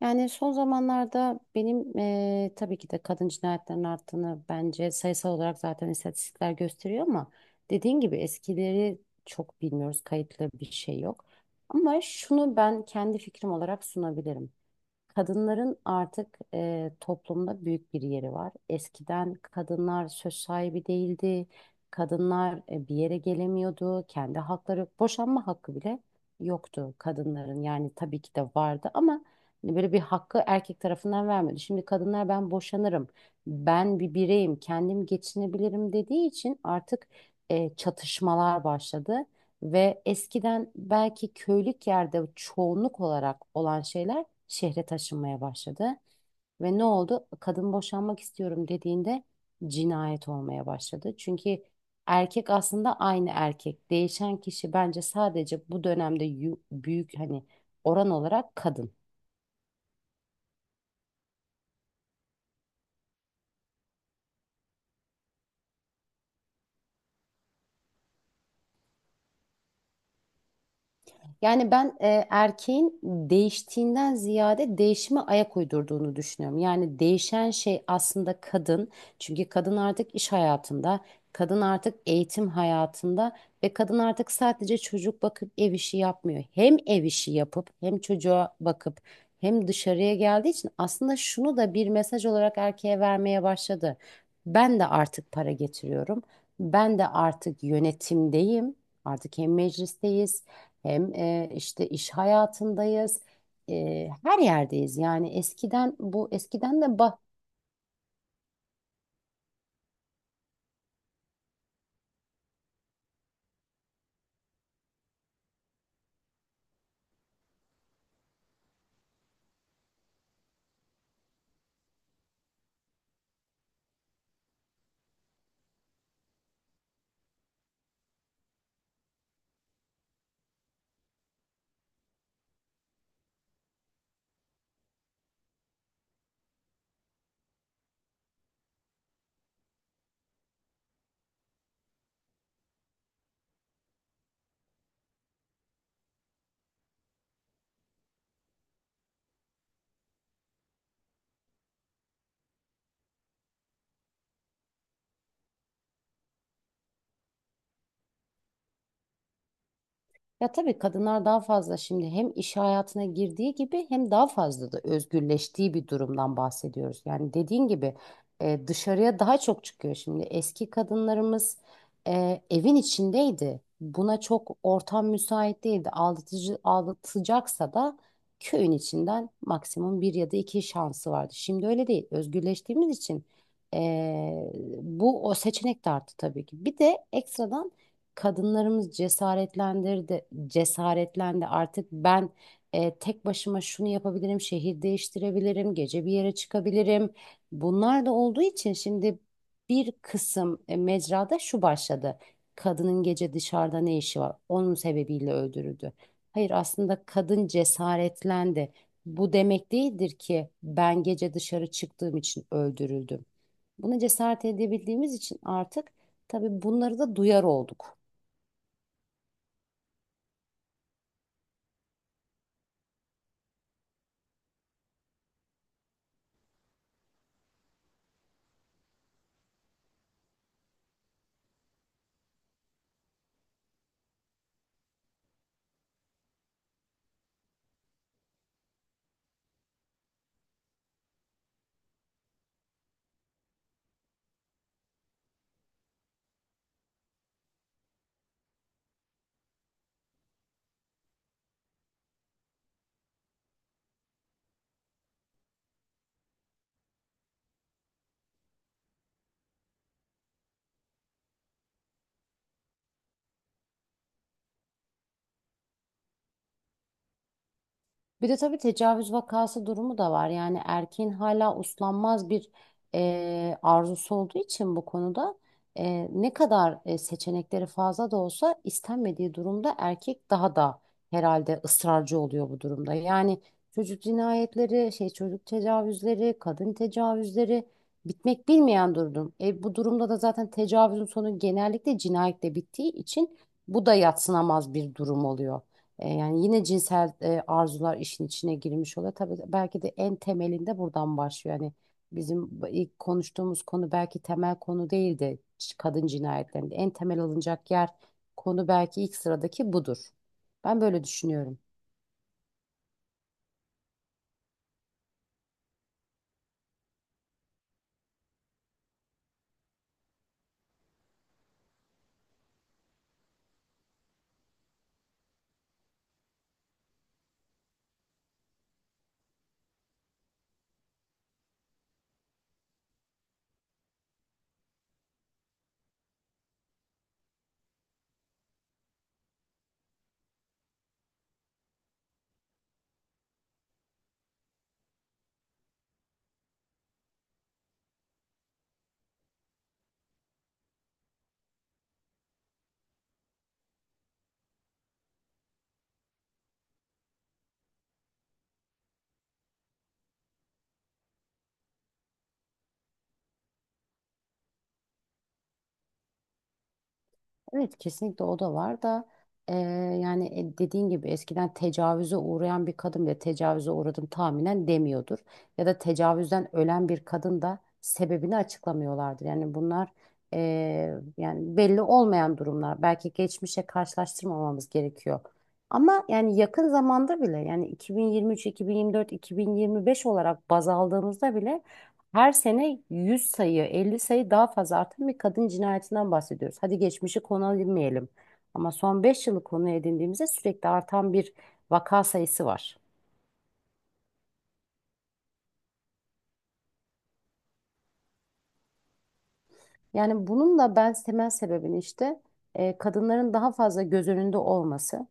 Yani son zamanlarda benim tabii ki de kadın cinayetlerinin arttığını bence sayısal olarak zaten istatistikler gösteriyor ama dediğin gibi eskileri çok bilmiyoruz. Kayıtlı bir şey yok. Ama şunu ben kendi fikrim olarak sunabilirim. Kadınların artık toplumda büyük bir yeri var. Eskiden kadınlar söz sahibi değildi. Kadınlar bir yere gelemiyordu. Kendi hakları, boşanma hakkı bile yoktu kadınların. Yani tabii ki de vardı ama hani böyle bir hakkı erkek tarafından vermiyordu. Şimdi kadınlar ben boşanırım, ben bir bireyim, kendim geçinebilirim dediği için artık çatışmalar başladı. Ve eskiden belki köylük yerde çoğunluk olarak olan şeyler şehre taşınmaya başladı. Ve ne oldu? Kadın boşanmak istiyorum dediğinde cinayet olmaya başladı. Çünkü erkek aslında aynı erkek. Değişen kişi bence sadece bu dönemde büyük hani oran olarak kadın. Yani ben erkeğin değiştiğinden ziyade değişime ayak uydurduğunu düşünüyorum. Yani değişen şey aslında kadın. Çünkü kadın artık iş hayatında, kadın artık eğitim hayatında ve kadın artık sadece çocuk bakıp ev işi yapmıyor. Hem ev işi yapıp hem çocuğa bakıp hem dışarıya geldiği için aslında şunu da bir mesaj olarak erkeğe vermeye başladı. Ben de artık para getiriyorum. Ben de artık yönetimdeyim. Artık hem meclisteyiz hem işte iş hayatındayız, her yerdeyiz. Yani eskiden de Ya tabii kadınlar daha fazla şimdi hem iş hayatına girdiği gibi hem daha fazla da özgürleştiği bir durumdan bahsediyoruz. Yani dediğin gibi dışarıya daha çok çıkıyor şimdi. Eski kadınlarımız evin içindeydi. Buna çok ortam müsait değildi. Aldatıcı, aldatacaksa da köyün içinden maksimum bir ya da iki şansı vardı. Şimdi öyle değil. Özgürleştiğimiz için e, bu o seçenek de arttı tabii ki. Bir de ekstradan kadınlarımız cesaretlendirdi, cesaretlendi. Artık ben tek başıma şunu yapabilirim, şehir değiştirebilirim, gece bir yere çıkabilirim. Bunlar da olduğu için şimdi bir kısım mecrada şu başladı. Kadının gece dışarıda ne işi var? Onun sebebiyle öldürüldü. Hayır aslında kadın cesaretlendi. Bu demek değildir ki ben gece dışarı çıktığım için öldürüldüm. Buna cesaret edebildiğimiz için artık tabii bunları da duyar olduk. Bir de tabii tecavüz vakası durumu da var. Yani erkeğin hala uslanmaz bir arzusu olduğu için bu konuda ne kadar seçenekleri fazla da olsa istenmediği durumda erkek daha da herhalde ısrarcı oluyor bu durumda. Yani çocuk cinayetleri, şey çocuk tecavüzleri, kadın tecavüzleri bitmek bilmeyen durum. Bu durumda da zaten tecavüzün sonu genellikle cinayetle bittiği için bu da yadsınamaz bir durum oluyor. Yani yine cinsel arzular işin içine girmiş oluyor. Tabii belki de en temelinde buradan başlıyor. Yani bizim ilk konuştuğumuz konu belki temel konu değildi kadın cinayetlerinde. En temel alınacak yer konu belki ilk sıradaki budur. Ben böyle düşünüyorum. Evet kesinlikle o da var da eee, yani dediğin gibi eskiden tecavüze uğrayan bir kadın bile tecavüze uğradım tahminen demiyordur. Ya da tecavüzden ölen bir kadın da sebebini açıklamıyorlardır. Yani bunlar yani belli olmayan durumlar. Belki geçmişe karşılaştırmamamız gerekiyor. Ama yani yakın zamanda bile yani 2023, 2024, 2025 olarak baz aldığımızda bile her sene 100 sayı, 50 sayı daha fazla artan bir kadın cinayetinden bahsediyoruz. Hadi geçmişi konu edinmeyelim. Ama son 5 yılı konu edindiğimizde sürekli artan bir vaka sayısı var. Yani bunun da ben temel sebebini işte kadınların daha fazla göz önünde olması.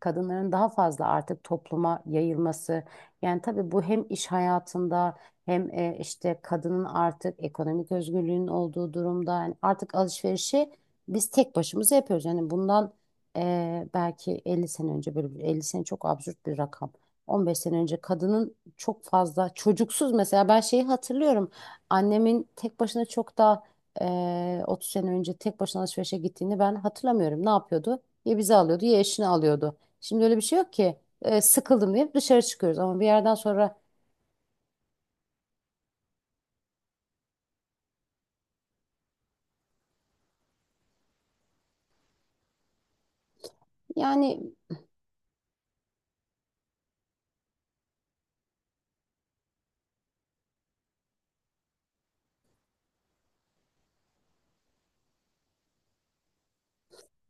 Kadınların daha fazla artık topluma yayılması. Yani tabii bu hem iş hayatında hem işte kadının artık ekonomik özgürlüğünün olduğu durumda yani artık alışverişi biz tek başımıza yapıyoruz. Yani bundan belki 50 sene önce 50 sene çok absürt bir rakam. 15 sene önce kadının çok fazla çocuksuz mesela ben şeyi hatırlıyorum. Annemin tek başına çok daha 30 sene önce tek başına alışverişe gittiğini ben hatırlamıyorum. Ne yapıyordu? Ya bizi alıyordu ya eşini alıyordu. Şimdi öyle bir şey yok ki. Sıkıldım diye dışarı çıkıyoruz ama bir yerden sonra yani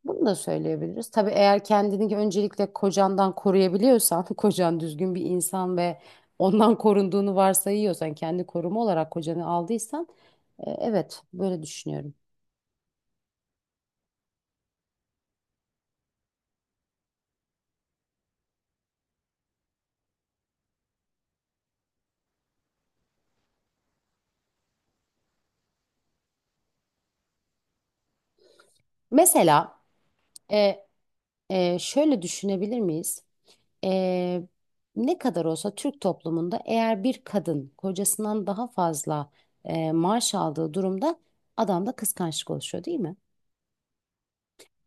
bunu da söyleyebiliriz. Tabii eğer kendini öncelikle kocandan koruyabiliyorsan, kocan düzgün bir insan ve ondan korunduğunu varsayıyorsan, kendi koruma olarak kocanı aldıysan, evet böyle düşünüyorum. Mesela e, şöyle düşünebilir miyiz? E, Ne kadar olsa Türk toplumunda eğer bir kadın kocasından daha fazla maaş aldığı durumda adamda kıskançlık oluşuyor değil mi?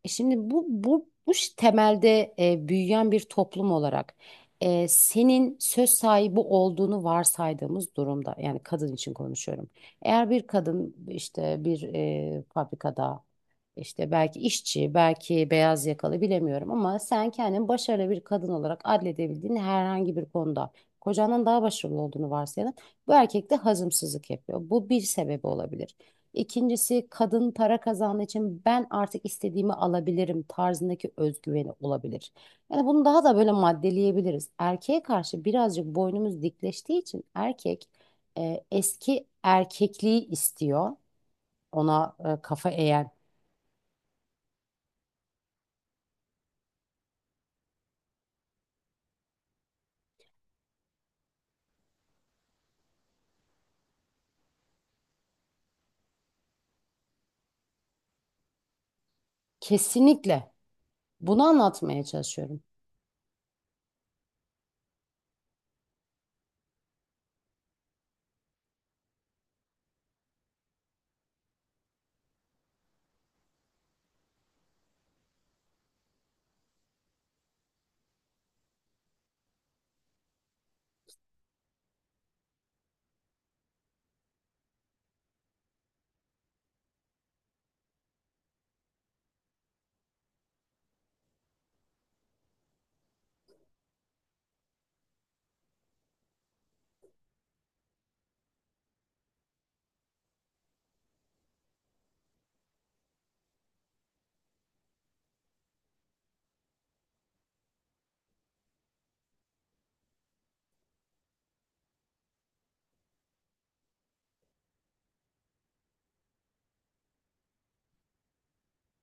E şimdi bu temelde büyüyen bir toplum olarak senin söz sahibi olduğunu varsaydığımız durumda yani kadın için konuşuyorum. Eğer bir kadın işte bir fabrikada işte belki işçi belki beyaz yakalı bilemiyorum ama sen kendini başarılı bir kadın olarak adledebildiğin herhangi bir konuda kocandan daha başarılı olduğunu varsayalım. Bu erkek de hazımsızlık yapıyor. Bu bir sebebi olabilir. İkincisi kadın para kazandığı için ben artık istediğimi alabilirim tarzındaki özgüveni olabilir. Yani bunu daha da böyle maddeleyebiliriz. Erkeğe karşı birazcık boynumuz dikleştiği için erkek eski erkekliği istiyor. Ona kafa eğen. Kesinlikle bunu anlatmaya çalışıyorum.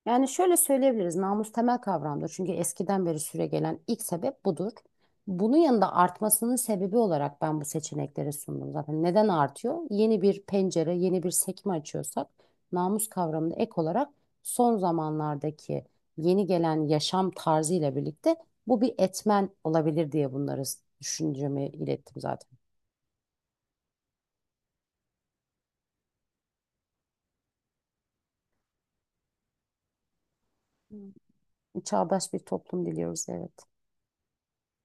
Yani şöyle söyleyebiliriz, namus temel kavramdır. Çünkü eskiden beri süregelen ilk sebep budur. Bunun yanında artmasının sebebi olarak ben bu seçenekleri sundum zaten. Neden artıyor? Yeni bir pencere, yeni bir sekme açıyorsak namus kavramını ek olarak son zamanlardaki yeni gelen yaşam tarzı ile birlikte bu bir etmen olabilir diye bunları düşüncemi ilettim zaten. Çağdaş bir toplum diliyoruz, evet.